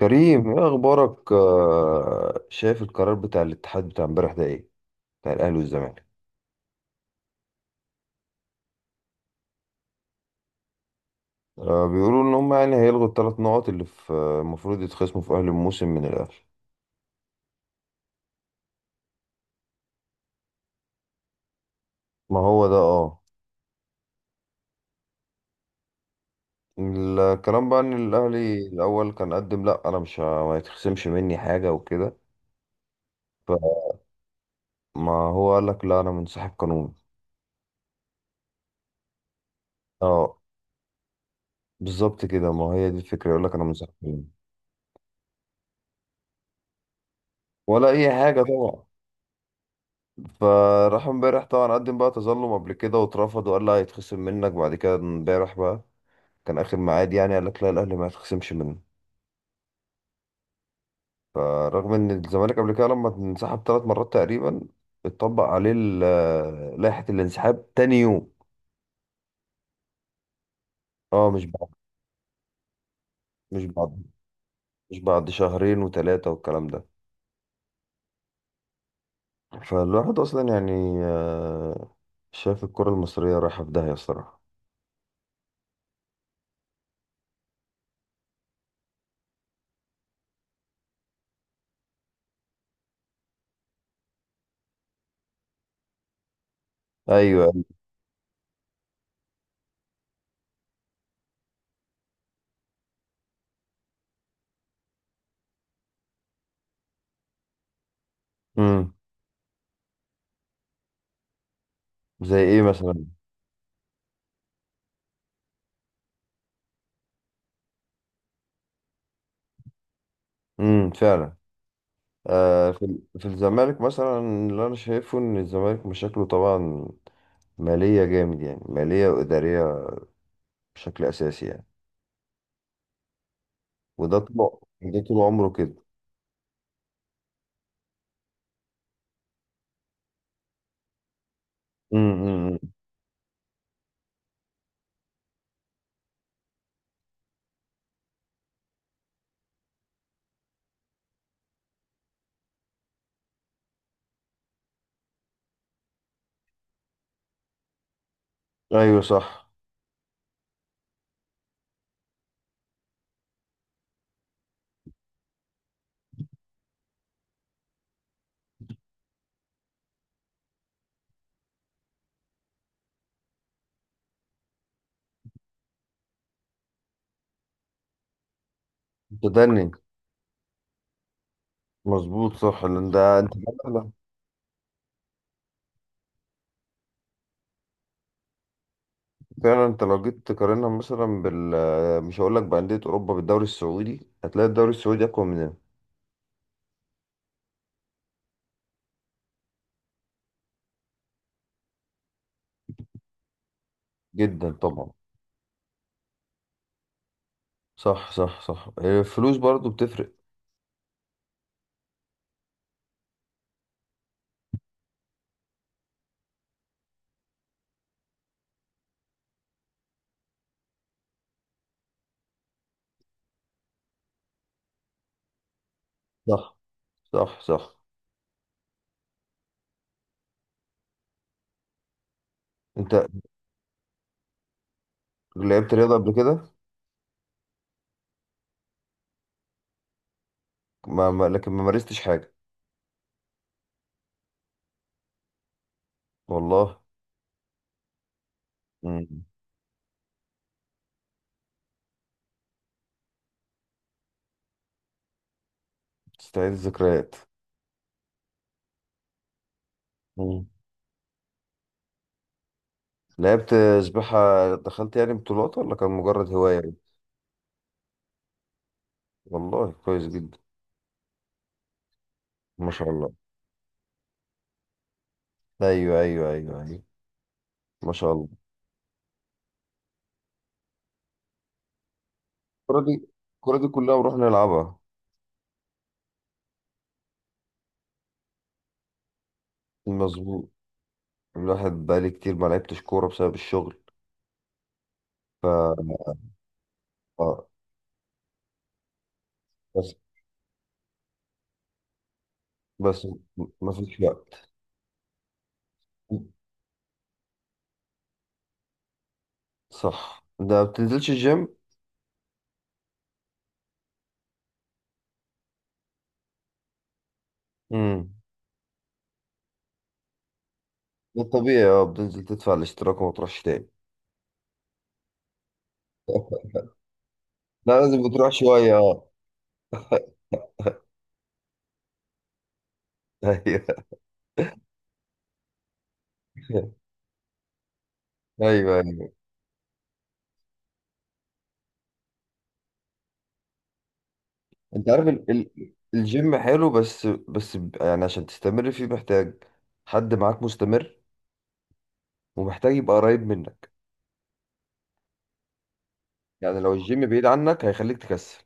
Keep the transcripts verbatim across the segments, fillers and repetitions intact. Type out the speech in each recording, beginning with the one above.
كريم، ايه اخبارك؟ آه، شايف القرار بتاع الاتحاد بتاع امبارح ده، ايه بتاع الاهلي والزمالك؟ آه، بيقولوا ان هم يعني هيلغوا الثلاث نقط اللي في آه، المفروض يتخصموا في اهل الموسم من الاهلي. ما هو ده. اه، الكلام بقى ان الاهلي الاول كان قدم، لا انا مش ه- ما يتخصمش مني حاجه وكده. فما هو قال لك: لا، انا منسحب قانوني. اه، بالظبط كده، ما هي دي الفكره. يقول لك انا منسحب قانوني. ولا اي حاجه طبعا. فراح امبارح طبعا، قدم بقى تظلم قبل كده واترفض، وقال لي هيتخصم منك بعد كده. امبارح بقى كان اخر ميعاد يعني، قال لك لا، الاهلي ما هيتخصمش منه. فرغم ان الزمالك قبل كده، لما انسحب ثلاث مرات تقريبا، اتطبق عليه ال- آه، لائحة الانسحاب تاني يوم. اه، مش بعد. مش بعد. مش بعد شهرين وثلاثة والكلام ده. فالواحد اصلا يعني، آه، شايف الكرة المصرية رايحة في داهية الصراحة. ايوه. امم. زي ايه مثلا؟ امم، فعلا. آه، في ال- في الزمالك مثلا، اللي انا شايفه ان الزمالك مشاكله طبعا، ماليه جامد يعني، ماليه واداريه بشكل اساسي يعني. وده طول ده طول عمره كده. امم. ايوه صح. تدني. مظبوط، صح، لان ده انت. فعلا، فعلا، انت لو جيت تقارنها مثلا بال مش هقول لك بانديه اوروبا، بالدوري السعودي، هتلاقي الدوري السعودي اقوى مننا. جدا طبعا. صح، صح، صح. الفلوس برضو بتفرق. صح، صح، صح. انت لعبت رياضه قبل كده؟ ما ما- لكن ما مارستش حاجة. والله. مم. تستعيد الذكريات. مم. لعبت سباحة، دخلت يعني بطولات ولا كان مجرد هواية؟ والله كويس جدا. ما شاء الله. أيوه، أيوه، أيوه، أيوه. ما شاء الله. الكورة دي الكورة دي كلها بنروح نلعبها. مظبوط. الواحد بقالي كتير ما لعبتش كورة بسبب الشغل. ف آه، بس بس ما فيش وقت. صح، ده ما بتنزلش الجيم؟ امم. ده طبيعي. اه، بتنزل تدفع الاشتراك وما تروحش تاني. لا، لازم بتروح شوية اه. ايوه، ايوه، ايوه. انت عارف. ال... ال... الجيم حلو، بس بس ب- يعني عشان تستمر فيه محتاج حد معاك مستمر، ومحتاج يبقى قريب منك. يعني لو الجيم بعيد عنك هيخليك تكسل.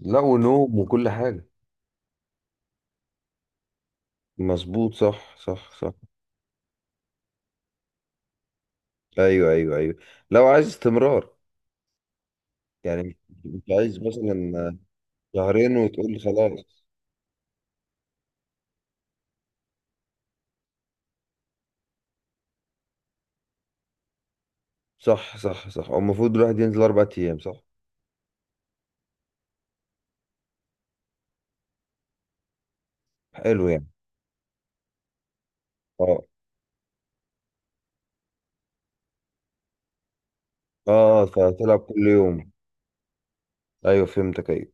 لا، ونوم وكل حاجة. مظبوط، صح، صح، صح. ايوه، ايوه، ايوه. لو عايز استمرار، يعني مش عايز مثلا شهرين وتقول لي خلاص. صح، صح، صح. هو المفروض الواحد ينزل اربع ايام، صح؟ حلو يعني. اه، اه، فتلعب كل يوم. ايوه، فهمتك. ايوه.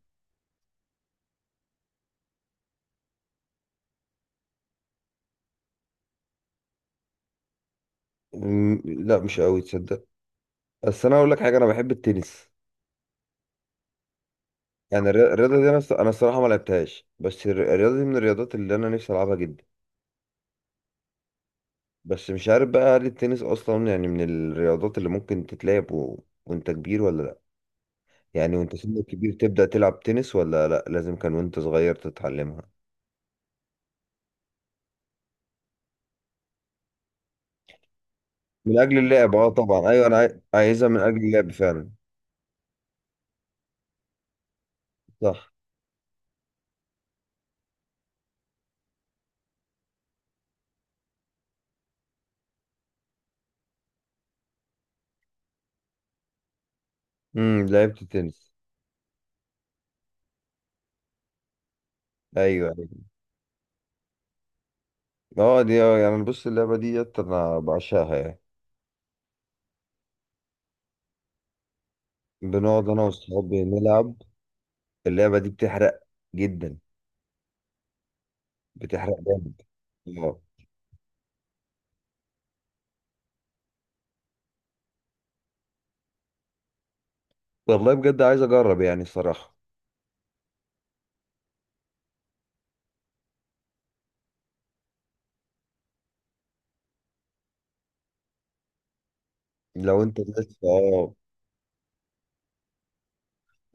أمم، لا، مش قوي تصدق. بس انا اقول لك حاجه، انا بحب التنس. يعني الري- الرياضه دي، انا الص- انا الصراحه ما لعبتهاش. بس الر- الرياضه دي من الرياضات اللي انا نفسي العبها جدا. بس مش عارف بقى هل التنس اصلا يعني من الرياضات اللي ممكن تتلعب و... وانت كبير ولا لا؟ يعني وانت سنك كبير تبدا تلعب تنس، ولا لا لازم كان وانت صغير تتعلمها؟ من اجل اللعب. اه، طبعا. ايوه، انا عاي- عايزها من اجل اللعب فعلا. صح. امم، لعبت تنس. ايوه، أيوة. اه، دي آه، يعني بص، اللعبه ديت انا بعشقها يعني. بنقعد انا واصحابي نلعب. اللعبه دي بتحرق جدا. بتحرق جامد. اه. والله بجد عايز اجرب يعني الصراحه. لو انت لسه اه.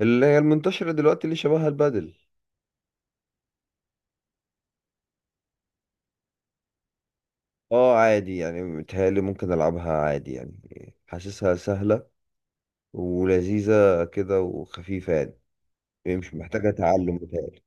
اللي هي المنتشره دلوقتي اللي شبهها البادل. اه، عادي يعني، متهيألي ممكن العبها عادي، يعني حاسسها سهله ولذيذه كده وخفيفه يعني. مش محتاجه تعلم متهيألي.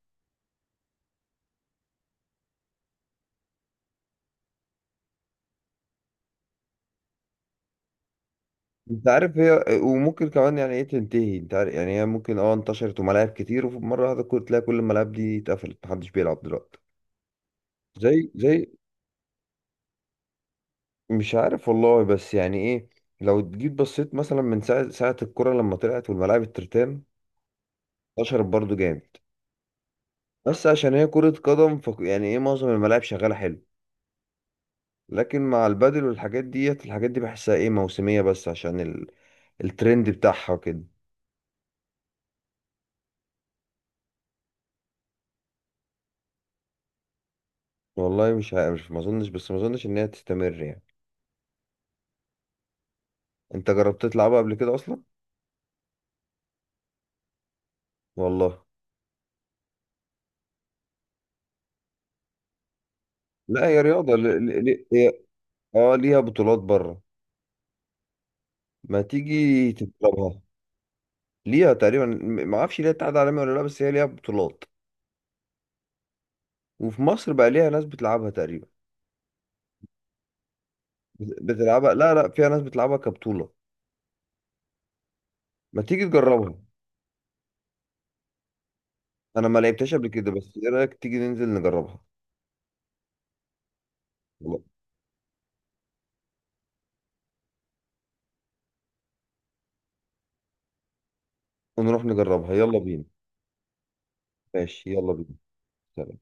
انت عارف، هي وممكن كمان يعني ايه تنتهي. انت عارف يعني، هي ممكن، اه، انتشرت وملاعب كتير ومره واحده كل- تلاقي كل الملاعب دي اتقفلت، محدش بيلعب دلوقتي. زي، زي. مش عارف والله، بس يعني ايه، لو جيت بصيت مثلا من ساعة ساعة الكرة لما طلعت، والملاعب الترتان انتشرت برضو جامد. بس عشان هي كرة قدم ف يعني ايه، معظم الملاعب شغالة حلو. لكن مع البادل والحاجات ديت، الحاجات دي بحسها ايه، موسمية بس عشان ال... الترند بتاعها كده. والله مش عارف، ما اظنش، بس ما اظنش ان هي تستمر يعني. انت جربت تلعبها قبل كده اصلا؟ والله. لا، هي رياضة. ل... ل... ل... هي- اه، ليها بطولات بره. ما تيجي تجربها؟ ليها تقريبا، م- ما اعرفش ليها اتحاد عالمي ولا لا، بس هي ليها بطولات. وفي مصر بقى ليها ناس بتلعبها تقريبا. بت- بتلعبها. لا لا، فيها ناس بتلعبها كبطولة. ما تيجي تجربها؟ انا ما لعبتهاش قبل كده، بس ايه رأيك تيجي ننزل نجربها؟ يلا، ونروح نجربها. يلا بينا. ماشي يلا بينا. سلام.